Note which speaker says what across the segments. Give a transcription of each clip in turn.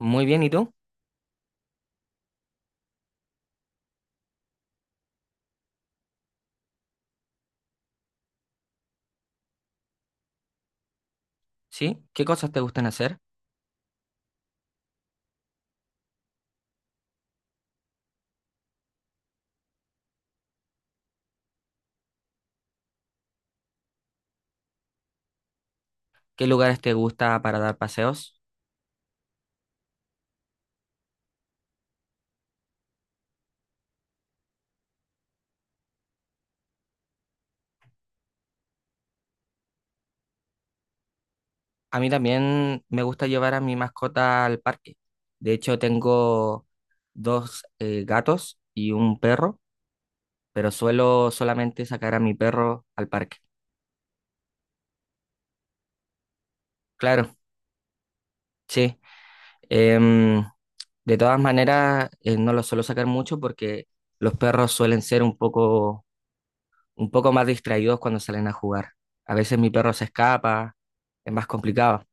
Speaker 1: Muy bien, ¿y tú? ¿Sí? ¿Qué cosas te gustan hacer? ¿Qué lugares te gusta para dar paseos? A mí también me gusta llevar a mi mascota al parque. De hecho, tengo dos gatos y un perro, pero suelo solamente sacar a mi perro al parque. Claro, sí. Em, de todas maneras, no los suelo sacar mucho porque los perros suelen ser un poco más distraídos cuando salen a jugar. A veces mi perro se escapa, es más complicado.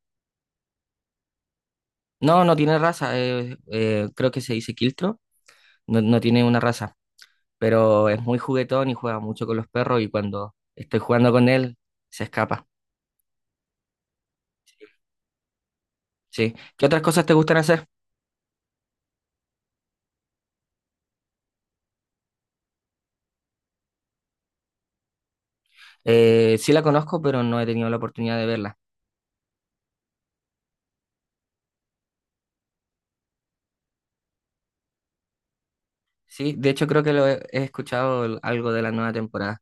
Speaker 1: No, no tiene raza, creo que se dice quiltro, no, no tiene una raza, pero es muy juguetón y juega mucho con los perros y cuando estoy jugando con él se escapa. Sí. ¿Qué otras cosas te gustan hacer? Sí la conozco, pero no he tenido la oportunidad de verla. Sí, de hecho creo que lo he escuchado algo de la nueva temporada.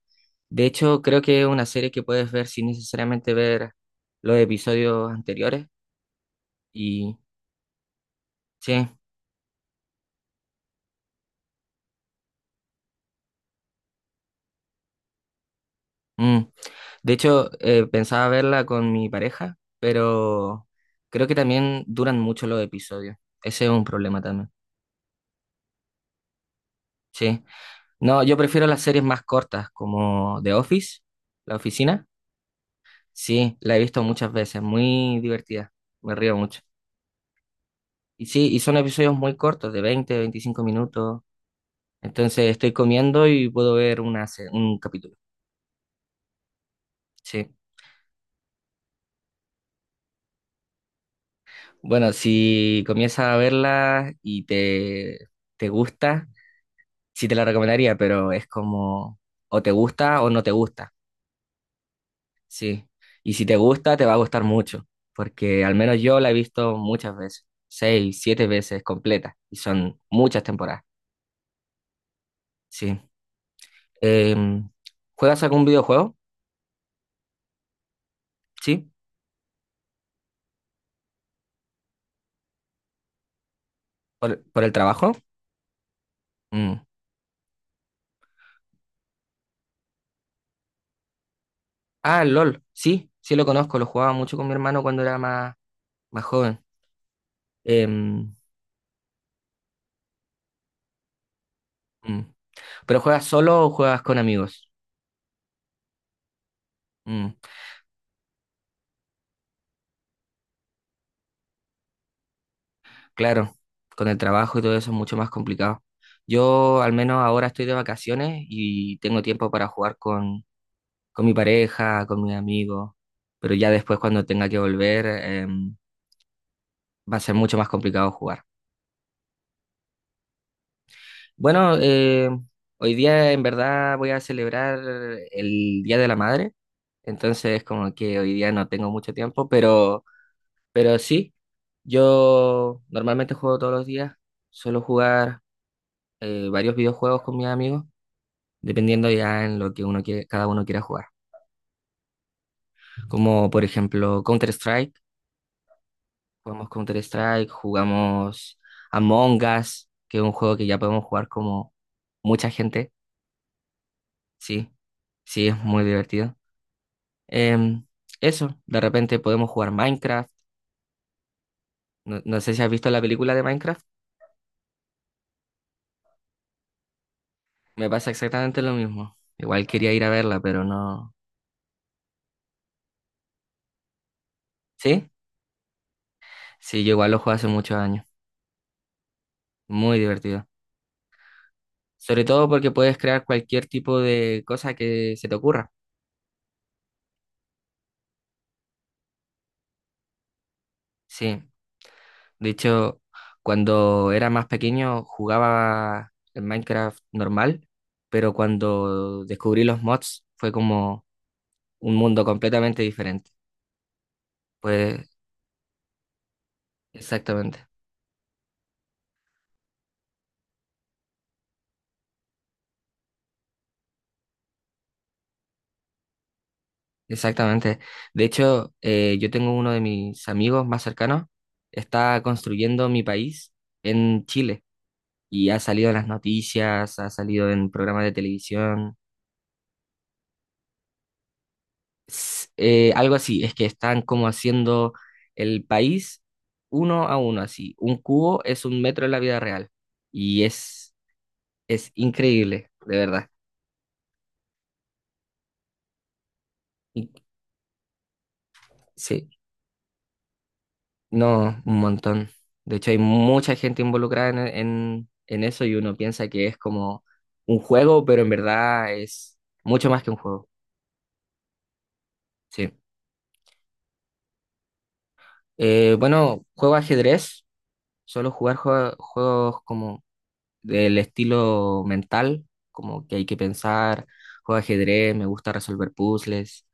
Speaker 1: De hecho, creo que es una serie que puedes ver sin necesariamente ver los episodios anteriores. Y sí. Mm. De hecho, pensaba verla con mi pareja, pero creo que también duran mucho los episodios. Ese es un problema también. Sí. No, yo prefiero las series más cortas, como The Office, La Oficina. Sí, la he visto muchas veces, muy divertida. Me río mucho. Y sí, y son episodios muy cortos, de 20, 25 minutos. Entonces estoy comiendo y puedo ver un capítulo. Sí. Bueno, si comienzas a verla y te gusta. Sí te la recomendaría, pero es como o te gusta o no te gusta, sí. Y si te gusta, te va a gustar mucho, porque al menos yo la he visto muchas veces, seis, siete veces completa, y son muchas temporadas, sí. Em, ¿Juegas algún videojuego? Sí, por el trabajo. Mm. Ah, el LOL, sí, sí lo conozco, lo jugaba mucho con mi hermano cuando era más joven. Em, mm. ¿Pero juegas solo o juegas con amigos? Mm. Claro, con el trabajo y todo eso es mucho más complicado. Yo al menos ahora estoy de vacaciones y tengo tiempo para jugar con mi pareja, con mis amigos, pero ya después cuando tenga que volver va a ser mucho más complicado jugar. Bueno, hoy día en verdad voy a celebrar el Día de la Madre, entonces como que hoy día no tengo mucho tiempo, pero sí, yo normalmente juego todos los días, suelo jugar varios videojuegos con mis amigos, dependiendo ya en lo que uno quiere, cada uno quiera jugar. Como por ejemplo Counter-Strike, jugamos Among Us, que es un juego que ya podemos jugar como mucha gente, sí, sí, es muy divertido. Em, Eso, de repente podemos jugar Minecraft. No, no sé si has visto la película de Minecraft, me pasa exactamente lo mismo. Igual quería ir a verla, pero no. ¿Sí? Sí, yo igual lo juego hace muchos años. Muy divertido. Sobre todo porque puedes crear cualquier tipo de cosa que se te ocurra. Sí, de hecho, cuando era más pequeño jugaba el Minecraft normal, pero cuando descubrí los mods fue como un mundo completamente diferente. Pues exactamente, exactamente. De hecho, yo tengo uno de mis amigos más cercanos, está construyendo mi país en Chile y ha salido en las noticias, ha salido en programas de televisión. Algo así, es que están como haciendo el país uno a uno, así. Un cubo es un metro en la vida real y es increíble, de verdad. Y- sí, no, un montón. De hecho, hay mucha gente involucrada en eso y uno piensa que es como un juego, pero en verdad es mucho más que un juego. Sí. Bueno, juego ajedrez, solo jugar juegos como del estilo mental, como que hay que pensar, juego ajedrez, me gusta resolver puzzles.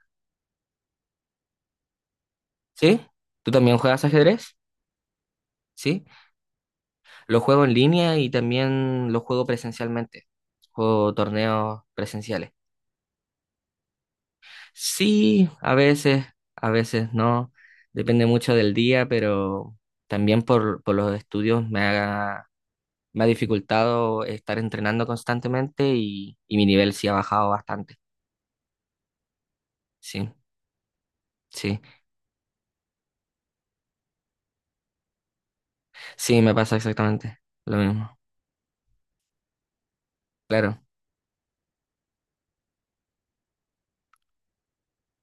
Speaker 1: ¿Sí? ¿Tú también juegas ajedrez? ¿Sí? Lo juego en línea y también lo juego presencialmente. Juego torneos presenciales. Sí, a veces no. Depende mucho del día, pero también por los estudios me ha dificultado estar entrenando constantemente y mi nivel sí ha bajado bastante. Sí, sí. Sí, me pasa exactamente lo mismo. Claro,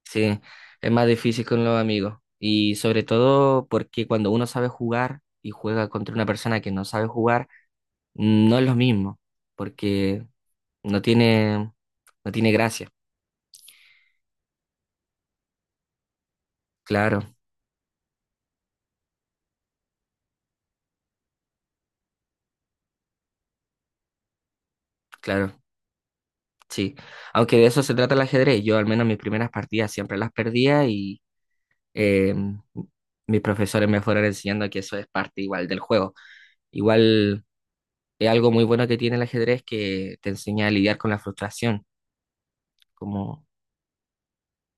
Speaker 1: sí, es más difícil con los amigos. Y sobre todo porque cuando uno sabe jugar y juega contra una persona que no sabe jugar, no es lo mismo, porque no tiene, no tiene gracia. Claro, claro, sí. Aunque de eso se trata el ajedrez. Yo al menos mis primeras partidas siempre las perdía y eh, mis profesores me fueron enseñando que eso es parte igual del juego. Igual es algo muy bueno que tiene el ajedrez que te enseña a lidiar con la frustración. Como,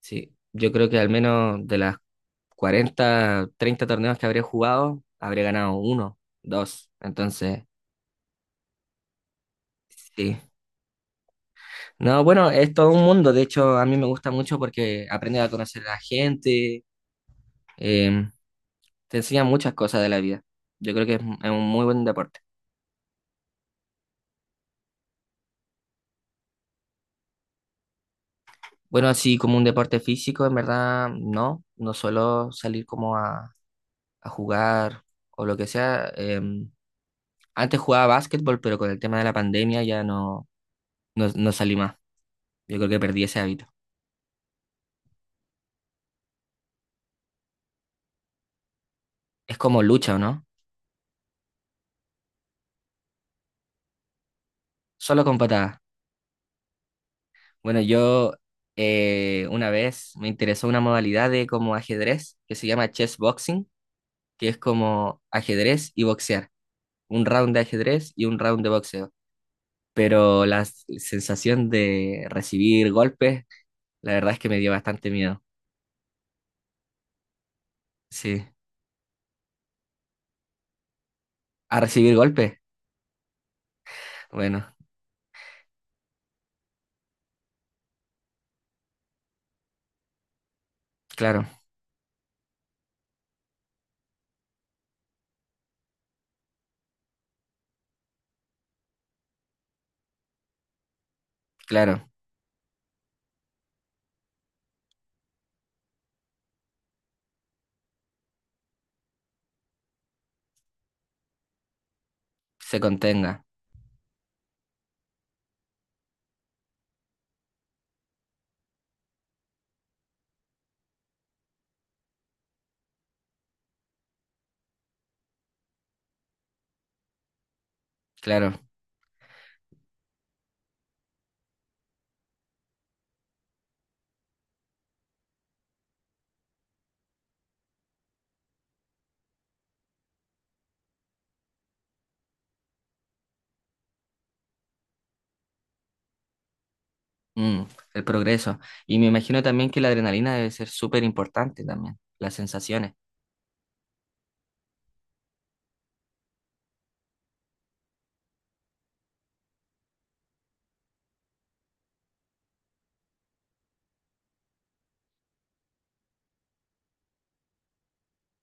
Speaker 1: sí, yo creo que al menos de las 40 30 torneos que habré jugado, habré ganado uno, dos. Entonces, sí. No, bueno, es todo un mundo. De hecho, a mí me gusta mucho porque aprendes a conocer a la gente, eh, te enseña muchas cosas de la vida. Yo creo que es un muy buen deporte. Bueno, así como un deporte físico, en verdad, no. No suelo salir como a jugar o lo que sea. Antes jugaba básquetbol, pero con el tema de la pandemia ya no, no salí más. Yo creo que perdí ese hábito. Es como lucha, ¿o no? Solo con patadas. Bueno, yo una vez me interesó una modalidad de como ajedrez que se llama chess boxing, que es como ajedrez y boxear. Un round de ajedrez y un round de boxeo. Pero la sensación de recibir golpes, la verdad es que me dio bastante miedo. Sí. ¿A recibir golpes? Bueno, claro, claro. Se contenga. Claro. Mm, el progreso. Y me imagino también que la adrenalina debe ser súper importante también, las sensaciones.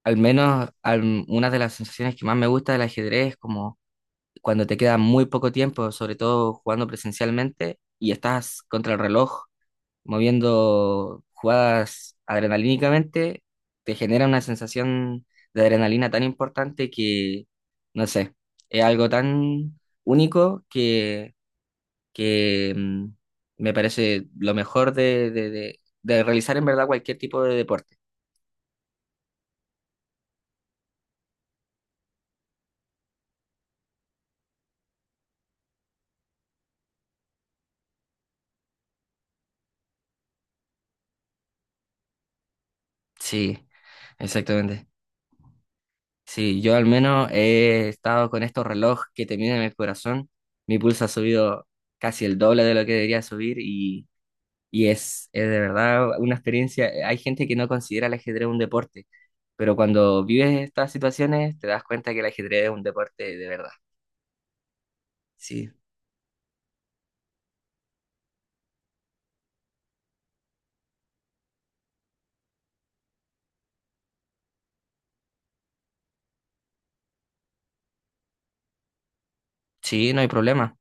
Speaker 1: Al menos una de las sensaciones que más me gusta del ajedrez es como cuando te queda muy poco tiempo, sobre todo jugando presencialmente y estás contra el reloj moviendo jugadas adrenalínicamente, te genera una sensación de adrenalina tan importante que, no sé, es algo tan único que me parece lo mejor de realizar en verdad cualquier tipo de deporte. Sí, exactamente. Sí, yo al menos he estado con estos relojes que te miden el corazón. Mi pulso ha subido casi el doble de lo que debería subir y es de verdad una experiencia. Hay gente que no considera el ajedrez un deporte, pero cuando vives estas situaciones te das cuenta que el ajedrez es un deporte de verdad. Sí, sí, no hay problema.